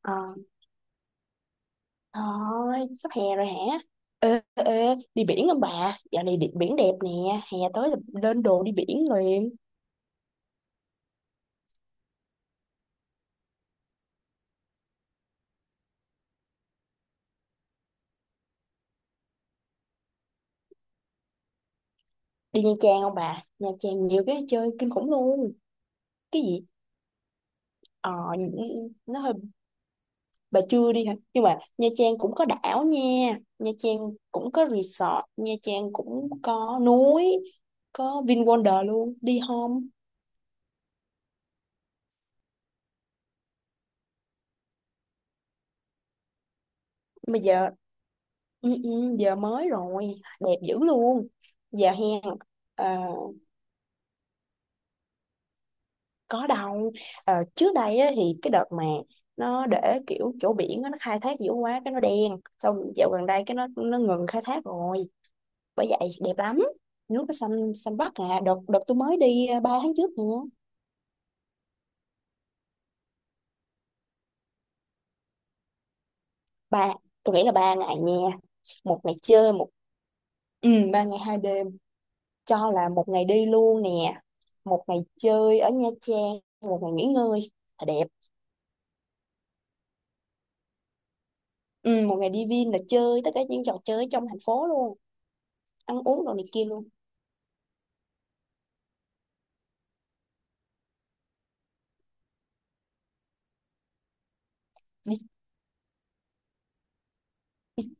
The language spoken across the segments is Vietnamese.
Ờ, thôi, sắp hè rồi hả? Ê, đi biển không bà? Dạo này đi, biển đẹp nè, hè tới là lên đồ đi biển liền. Đi Nha Trang không bà? Nha Trang nhiều cái chơi kinh khủng luôn. Cái gì? Ờ, nó hơi bà chưa đi hả? Nhưng mà Nha Trang cũng có đảo nha. Nha Trang cũng có resort, Nha Trang cũng có núi, có VinWonder luôn. Đi không? Mà giờ ừ, ừ, giờ mới rồi, đẹp dữ luôn. Giờ hè ờ, có đâu. Ờ, trước đây á, thì cái đợt mà nó để kiểu chỗ biển á, nó khai thác dữ quá cái nó đen xong dạo gần đây cái nó ngừng khai thác rồi, bởi vậy đẹp lắm, nước nó xanh xanh biếc. À đợt đợt tôi mới đi 3 tháng trước nữa. Ba, tôi nghĩ là 3 ngày nha. Một ngày chơi một ừ, 3 ngày 2 đêm, cho là một ngày đi luôn nè, một ngày chơi ở Nha Trang, một ngày nghỉ ngơi là đẹp. Ừ, một ngày đi Vin là chơi tất cả những trò chơi trong thành phố luôn, ăn uống đồ này kia luôn.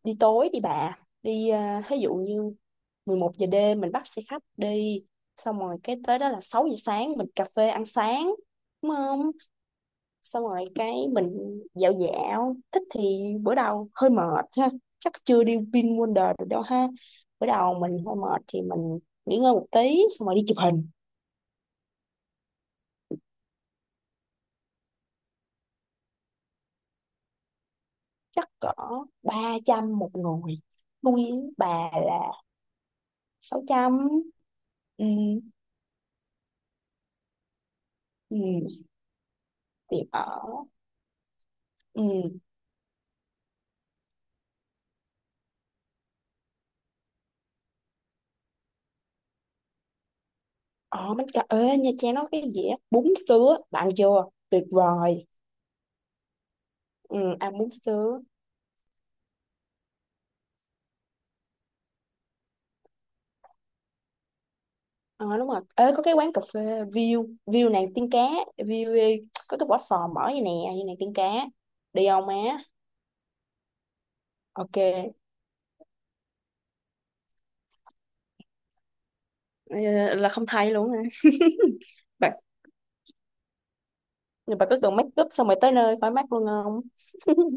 Đi tối đi bà đi ví dụ như 11 giờ đêm mình bắt xe khách đi, xong rồi cái tới đó là 6 giờ sáng mình cà phê ăn sáng, đúng không? Xong rồi cái mình dạo dạo thích thì bữa đầu hơi mệt ha, chắc chưa đi Vinwonder được đâu ha, bữa đầu mình hơi mệt thì mình nghỉ ngơi một tí xong rồi đi chụp hình. Chắc cỡ 300 một người. Nuôi bà là 600. Ừ, ừ, tiệm ở, ừ. Ồ, bánh cà ê, Nha Trang nó có cái dĩa bún sứa, bạn vô, tuyệt vời. Ừ, ăn bún sứa. Ờ, đúng rồi. Ê, có cái quán cà phê View, View nàng tiên cá, View có cái vỏ sò mở vậy nè, như nàng tiên cá. Đi không má? Ok. Ờ, là không thay luôn hả? Bạn, nhưng bạn có cần make up xong rồi tới nơi khỏi mát luôn không?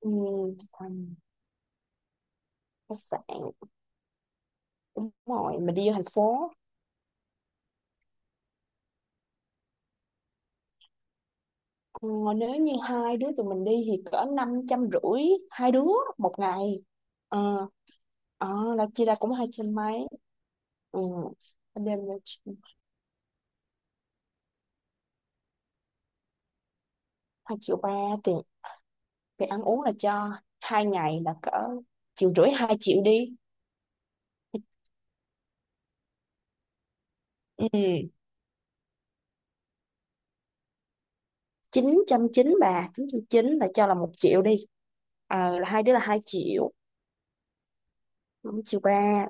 Ừ, còn khách sạn, đúng rồi, mình đi vô thành phố. Ờ, nếu như hai đứa tụi mình đi thì cỡ 500 rưỡi hai đứa một ngày. Ờ ờ, là chia ra cũng 200 mấy. Ừ. Anh đem ra chi- 2 triệu 3 tiền, tiền ăn uống là cho hai ngày là cỡ triệu rưỡi hai triệu đi. Ừ. Chín trăm chín bà, 900 chín là cho là 1 triệu đi. Ờ, là hai đứa là 2 triệu. 5 triệu 3.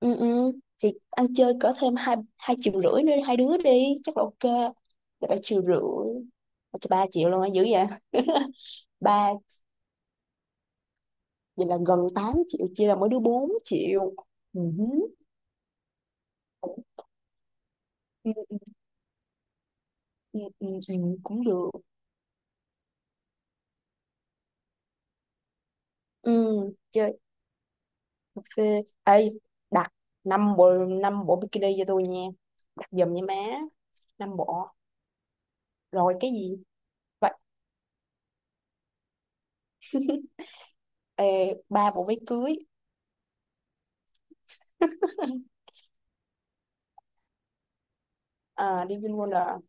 Ừ, thì ăn chơi có thêm hai hai triệu rưỡi nữa đi, hai đứa đi chắc là ok. Là 3 triệu rưỡi. Cho 3 triệu luôn á, dữ vậy. Ba, vậy là gần 8 triệu, chia là mỗi đứa 4 triệu. Ừ, ừ, ừ, ừ, ừ, ừ, cũng được. Ừ, chơi cà phê ê, đặt 5 bộ, 5 bộ bikini cho tôi nha, đặt giùm nha má. Năm bộ rồi cái gì vậy, ê, 3 bộ váy cưới. À, đi Vinwonder.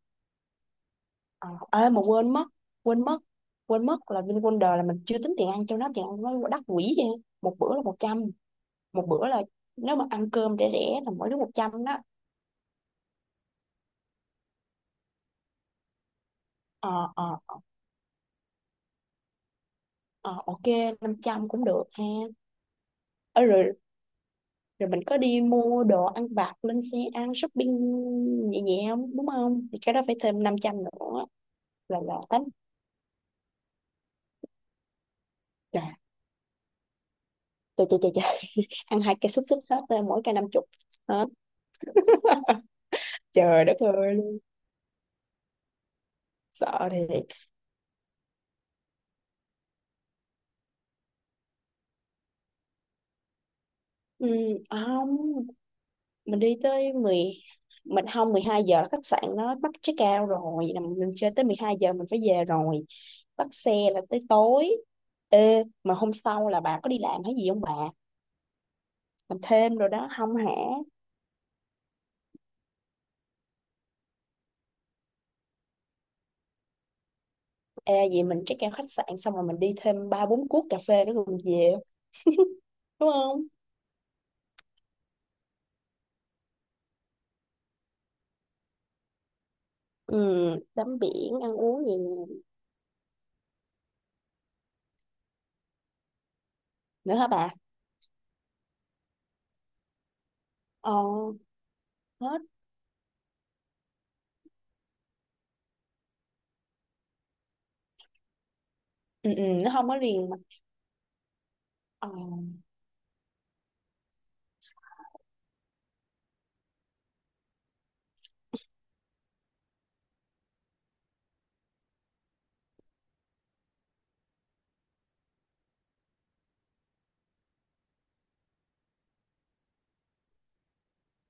Ờ, ê mà quên mất, quên mất quên mất là VinWonder là mình chưa tính tiền ăn cho nó, tiền ăn nó đắt quỷ vậy, một bữa là 100. Một bữa là nếu mà ăn cơm rẻ rẻ là mỗi đứa 100 đó. Ờ ờ ờ ok, 500 cũng được ha. Ê, rồi, rồi mình có đi mua đồ ăn vặt lên xe ăn shopping nhẹ nhẹ không đúng không, thì cái đó phải thêm 500 nữa. Là tám, trời, trời trời trời, trời. Ăn hai cây xúc xích hết, mỗi cây 50. Hả? Trời đất ơi luôn, sợ thiệt. Ừ, à không, mình đi tới mười, mình không, 12 giờ khách sạn nó bắt check out rồi là mình chơi tới 12 giờ mình phải về rồi, bắt xe là tới tối. Ê mà hôm sau là bà có đi làm hay gì không bà, làm thêm rồi đó không hả? Ê vậy mình check out khách sạn xong rồi mình đi thêm ba bốn cuốc cà phê nữa rồi mình về. Đúng không? Ừ, tắm biển ăn uống gì nữa hả bà. Ờ, hết. Ừ, ừ, nó không có liền mà. Ờ.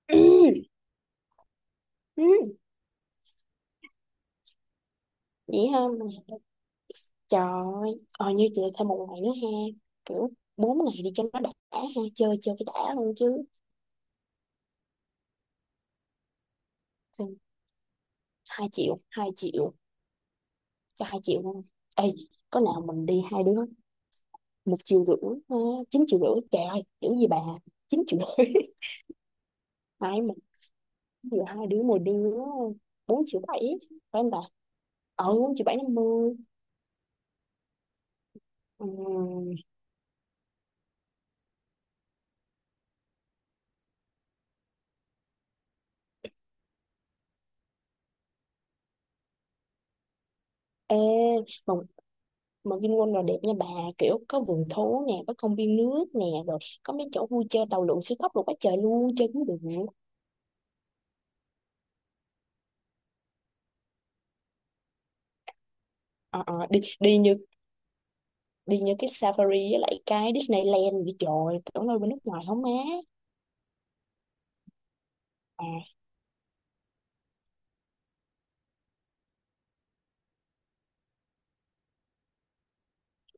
Ừ, vậy ha. Trời ơi, ờ, như chị thêm một ngày nữa ha, kiểu 4 ngày đi cho nó đã ha, chơi chơi phải đã luôn chứ. Xong, 2 triệu, 2 triệu, cho 2 triệu luôn. Ê, có nào mình đi hai đứa, 1 triệu rưỡi, ha, chín triệu rưỡi triệu rưỡi, trời ơi, chữ gì bà, 9 triệu rưỡi. Hai mình, vừa hai đứa một đứa, 4 triệu 7, phải không ta? Ừ, bốn triệu bảy năm mươi triệu bảy năm mươi. Ừ. Ê, mà mà Vinpearl là đẹp nha bà, kiểu có vườn thú nè, có công viên nước nè, rồi có mấy chỗ vui chơi tàu lượn siêu tốc rồi, quá trời luôn, chơi cũng được. Ờ, ờ, đi đi như cái Safari với lại cái Disneyland vậy, trời tưởng đâu bên nước ngoài không má. À,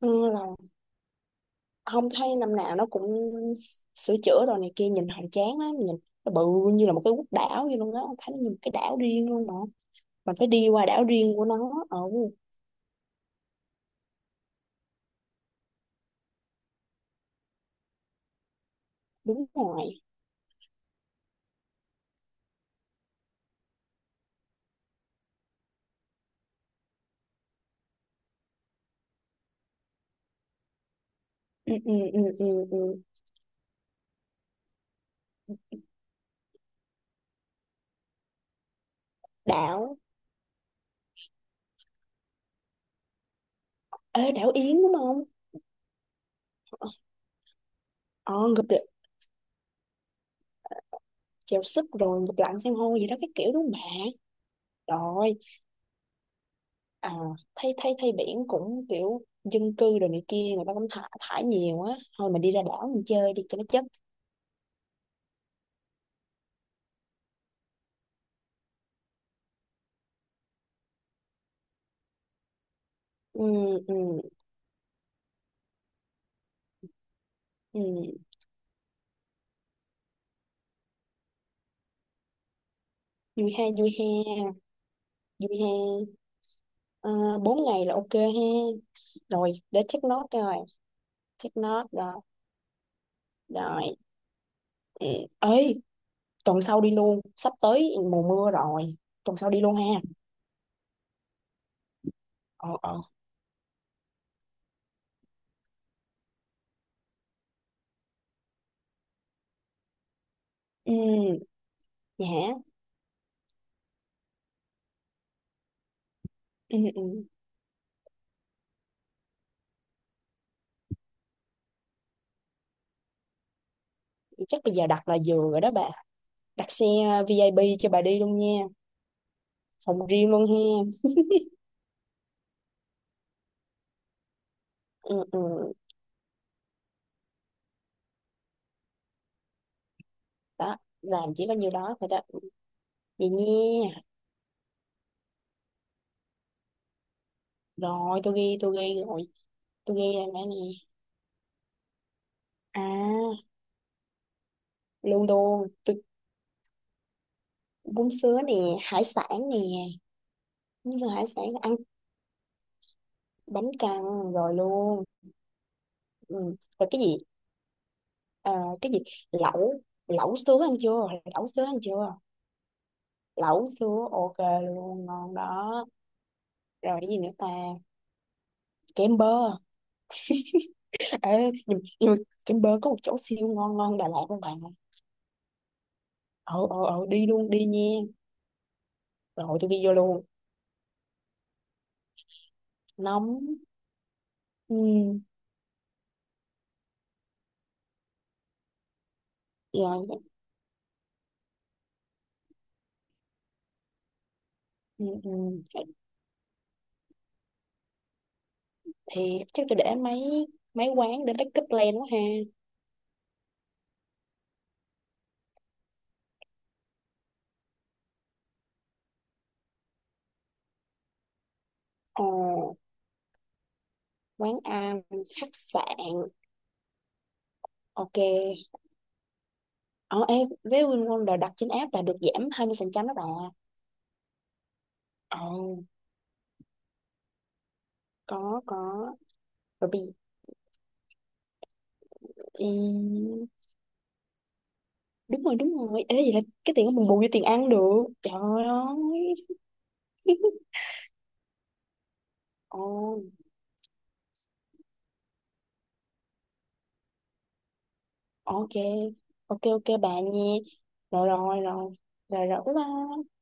ừ, là không, thấy năm nào nó cũng sửa chữa rồi này kia, nhìn hoành tráng lắm, nhìn nó bự như là một cái quốc đảo vậy luôn á, ông thấy nó như một cái đảo riêng luôn mà, mình phải đi qua đảo riêng của nó. Ừ, đúng rồi. Ừ, ừ, ừ, ừ, ừ. Đảo. Ê, đảo Yến đúng không? Ờ ngụp được, chèo súp rồi ngụp lặn san hô gì đó cái kiểu đúng không? Bà rồi, à, thấy thấy thấy biển cũng kiểu dân cư rồi này kia, người ta cũng thả thải nhiều á, thôi mình đi ra đảo mình chơi đi cho nó chất. Ừ, ừ, ừ, vui ha, vui ha, vui ha. Ờ, bốn ngày là ok ha. Rồi để check note rồi, check note rồi, rồi, ừ. Ấy, tuần sau đi luôn, sắp tới mùa mưa rồi, tuần sau đi luôn ha. Ờ, ờ, ừ, dạ, ừ, ừ. Thì chắc bây giờ đặt là vừa rồi đó bà, đặt xe VIP cho bà đi luôn nha, phòng riêng luôn ha. Ừ, ừ. Đó làm chỉ có nhiêu đó thôi đó, vậy nha. Rồi tôi ghi, tôi ghi rồi, tôi ghi rồi nè nè. À luôn luôn tôi, bún sứa nè, hải sản nè, bún sứa hải sản ăn, bánh căn rồi luôn. Ừ. Rồi cái gì, ờ, cái gì, lẩu, lẩu sứa ăn chưa lẩu sứa ăn chưa, lẩu sứa ok, luôn ngon đó. Rồi cái gì nữa ta, kem bơ. Ê, nhưng mà Kem Bơ có một chỗ siêu ngon, ngon Đà Lạt luôn bạn. Ờ, ờ, ờ, đi luôn đi nha, rồi tôi đi vô luôn, nóng. Ừ. Rồi. Ừ, ừ. Thì chắc tôi để mấy mấy quán để backup plan quá ha. Ờ, quán ăn, khách sạn, ok. Ờ em với Win Wonder đặt trên app là được giảm 20% đó bà. Ờ, có, rồi bị. Ừ, đúng rồi, đúng rồi, ê vậy là cái tiền của mình bù vô tiền ăn được, trời ơi. Ồ, ok, ok, ok bạn nha. Rồi rồi rồi, rồi rồi, bye bye.